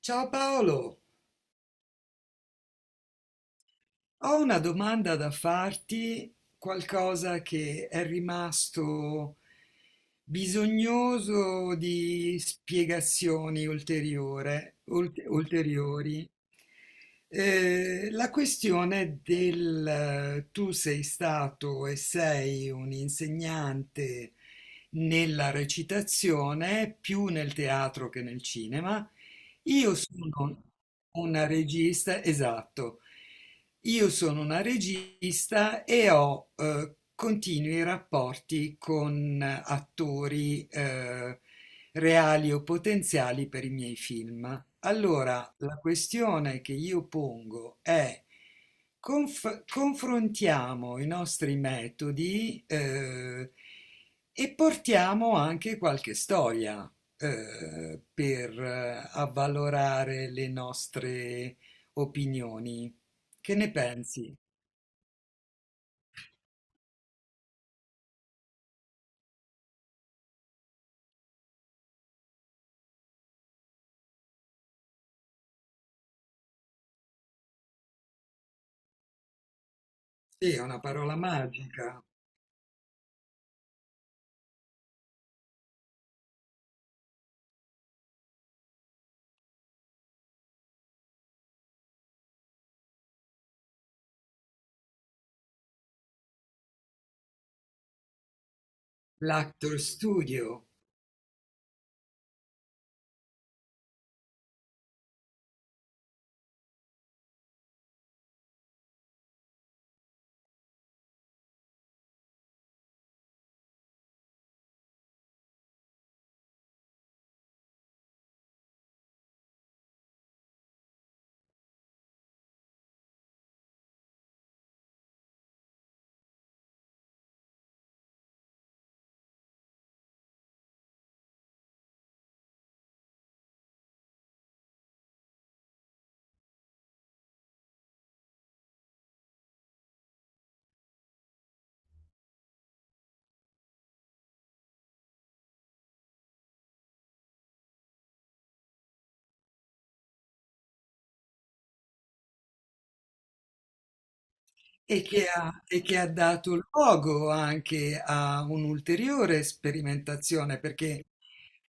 Ciao Paolo, ho una domanda da farti, qualcosa che è rimasto bisognoso di ulteriori. La questione del tu sei stato e sei un insegnante nella recitazione, più nel teatro che nel cinema. Io sono una regista, esatto. Io sono una regista e ho continui rapporti con attori reali o potenziali per i miei film. Allora, la questione che io pongo è confrontiamo i nostri metodi, e portiamo anche qualche storia per avvalorare le nostre opinioni. Che ne pensi? Sì, è una parola magica. L'actor studio. E che ha dato luogo anche a un'ulteriore sperimentazione, perché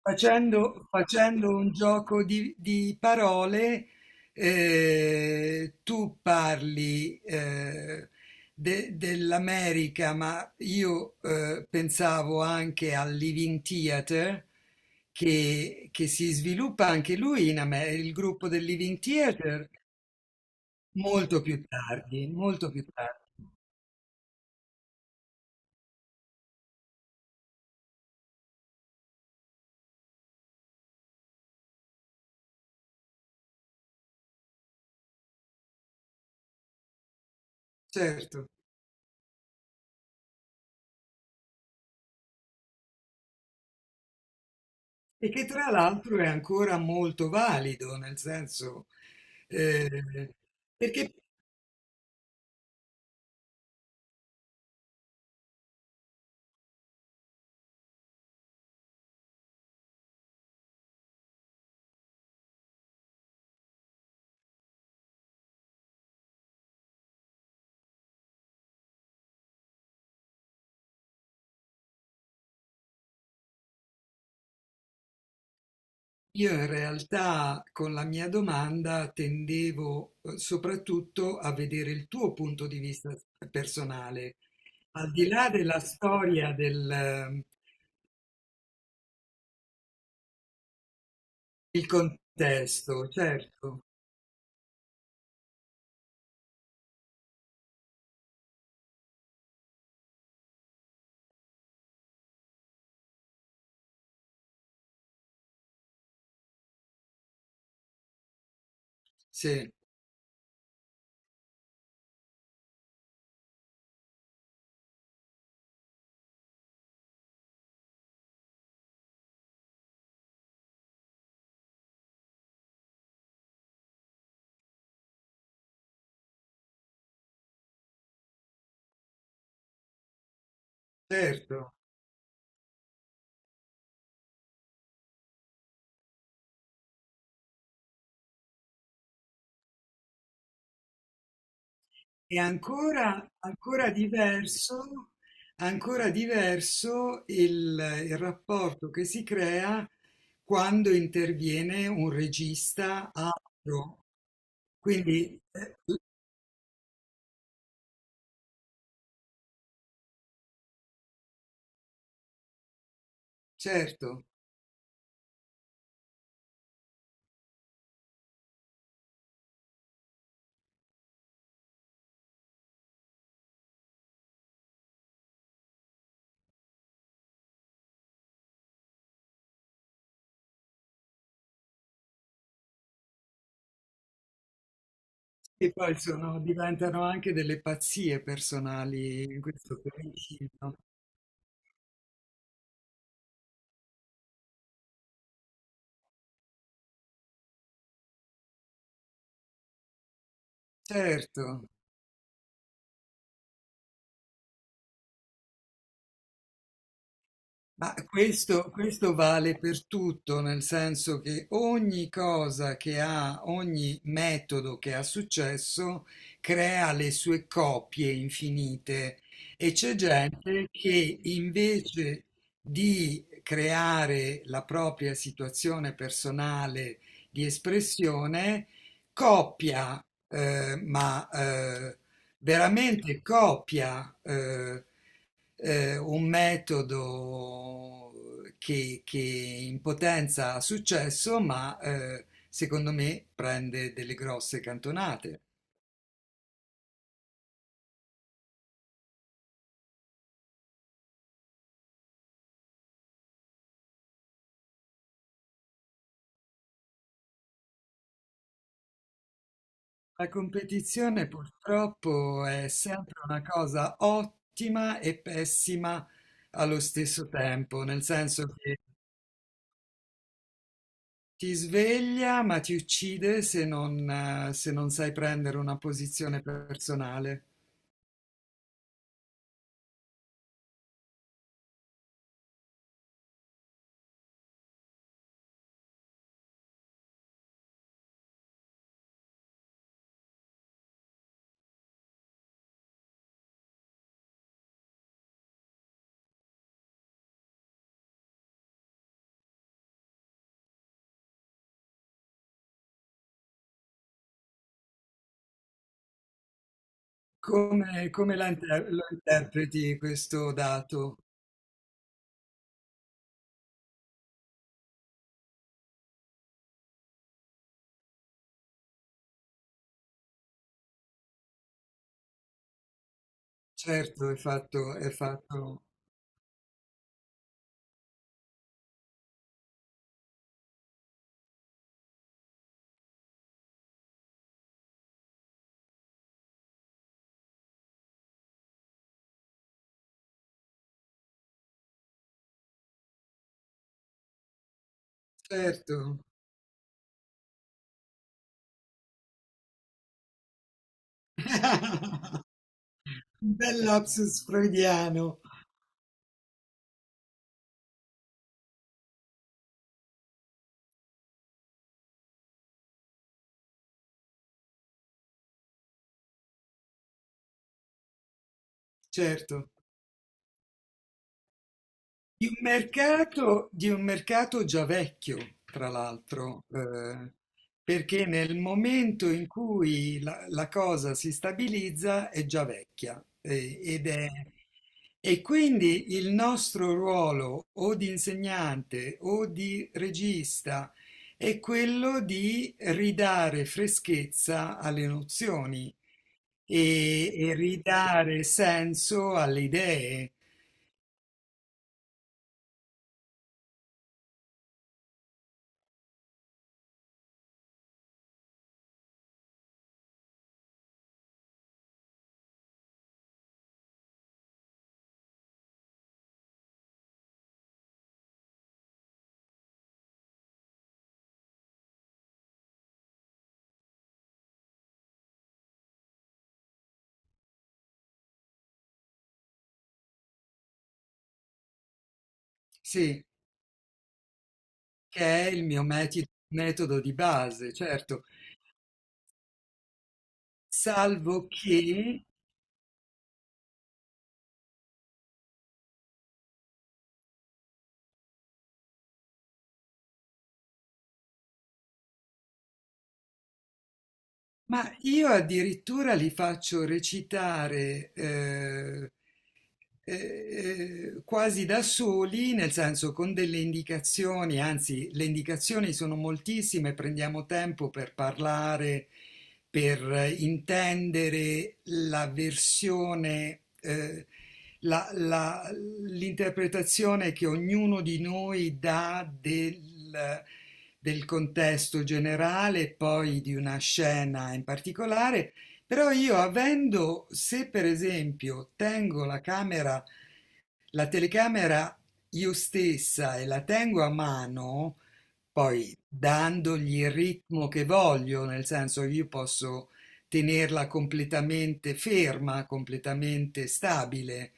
facendo un gioco di parole, tu parli, de dell'America, ma io, pensavo anche al Living Theatre che si sviluppa anche lui in Ame, il gruppo del Living Theatre molto più tardi, molto più tardi. Certo, e che tra l'altro è ancora molto valido, nel senso, eh, perché io in realtà con la mia domanda tendevo soprattutto a vedere il tuo punto di vista personale, al di là della storia del, il contesto, certo, sì, certo. E ancora, ancora diverso il rapporto che si crea quando interviene un regista altro. Quindi, certo, e poi diventano anche delle pazzie personali in questo periodo. Certo. Ma questo vale per tutto, nel senso che ogni cosa che ha, ogni metodo che ha successo crea le sue copie infinite e c'è gente che invece di creare la propria situazione personale di espressione, copia, eh, ma eh, veramente copia. Un metodo che in potenza ha successo, ma, secondo me prende delle grosse cantonate. La competizione purtroppo è sempre una cosa ottima e pessima allo stesso tempo, nel senso che ti sveglia ma ti uccide se non, se non sai prendere una posizione personale. Lo interpreti questo dato? Certo, è fatto, certo, un bel lapsus freudiano, certo. Di un mercato già vecchio, tra l'altro, perché nel momento in cui la, la cosa si stabilizza è già vecchia, ed è, e quindi il nostro ruolo o di insegnante o di regista è quello di ridare freschezza alle nozioni e ridare senso alle idee. Sì. Che è il mio metodo di base, certo, salvo che, ma io addirittura li faccio recitare quasi da soli, nel senso con delle indicazioni, anzi le indicazioni sono moltissime, prendiamo tempo per parlare, per intendere la versione, la- la- l'interpretazione che ognuno di noi dà del, del contesto generale, poi di una scena in particolare. Però io avendo, se per esempio tengo la camera, la telecamera io stessa e la tengo a mano, poi dandogli il ritmo che voglio, nel senso io posso tenerla completamente ferma, completamente stabile,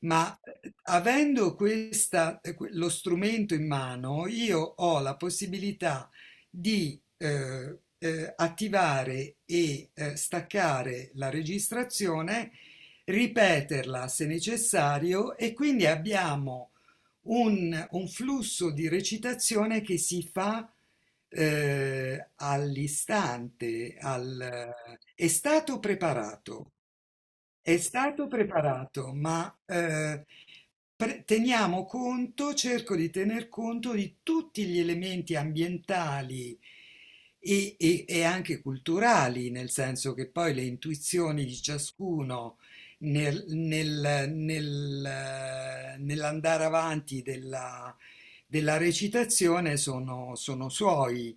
ma, avendo lo strumento in mano, io ho la possibilità di attivare e staccare la registrazione, ripeterla se necessario e quindi abbiamo un flusso di recitazione che si fa, all'istante, è stato preparato. È stato preparato, ma, teniamo conto, cerco di tener conto di tutti gli elementi ambientali e, e anche culturali, nel senso che poi le intuizioni di ciascuno nell'andare avanti della, della recitazione sono, sono suoi.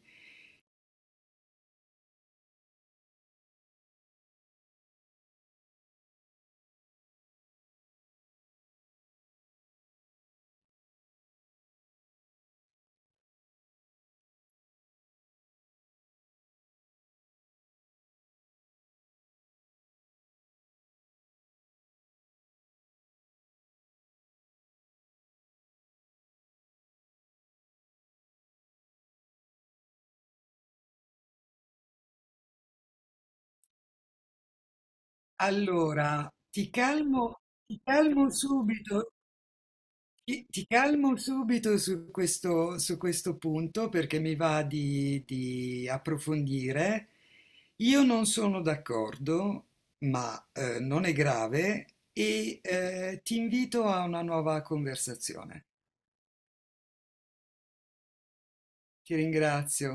Allora, ti calmo subito. Ti calmo subito su questo punto perché mi va di approfondire. Io non sono d'accordo, ma, non è grave e, ti invito a una nuova conversazione. Ti ringrazio.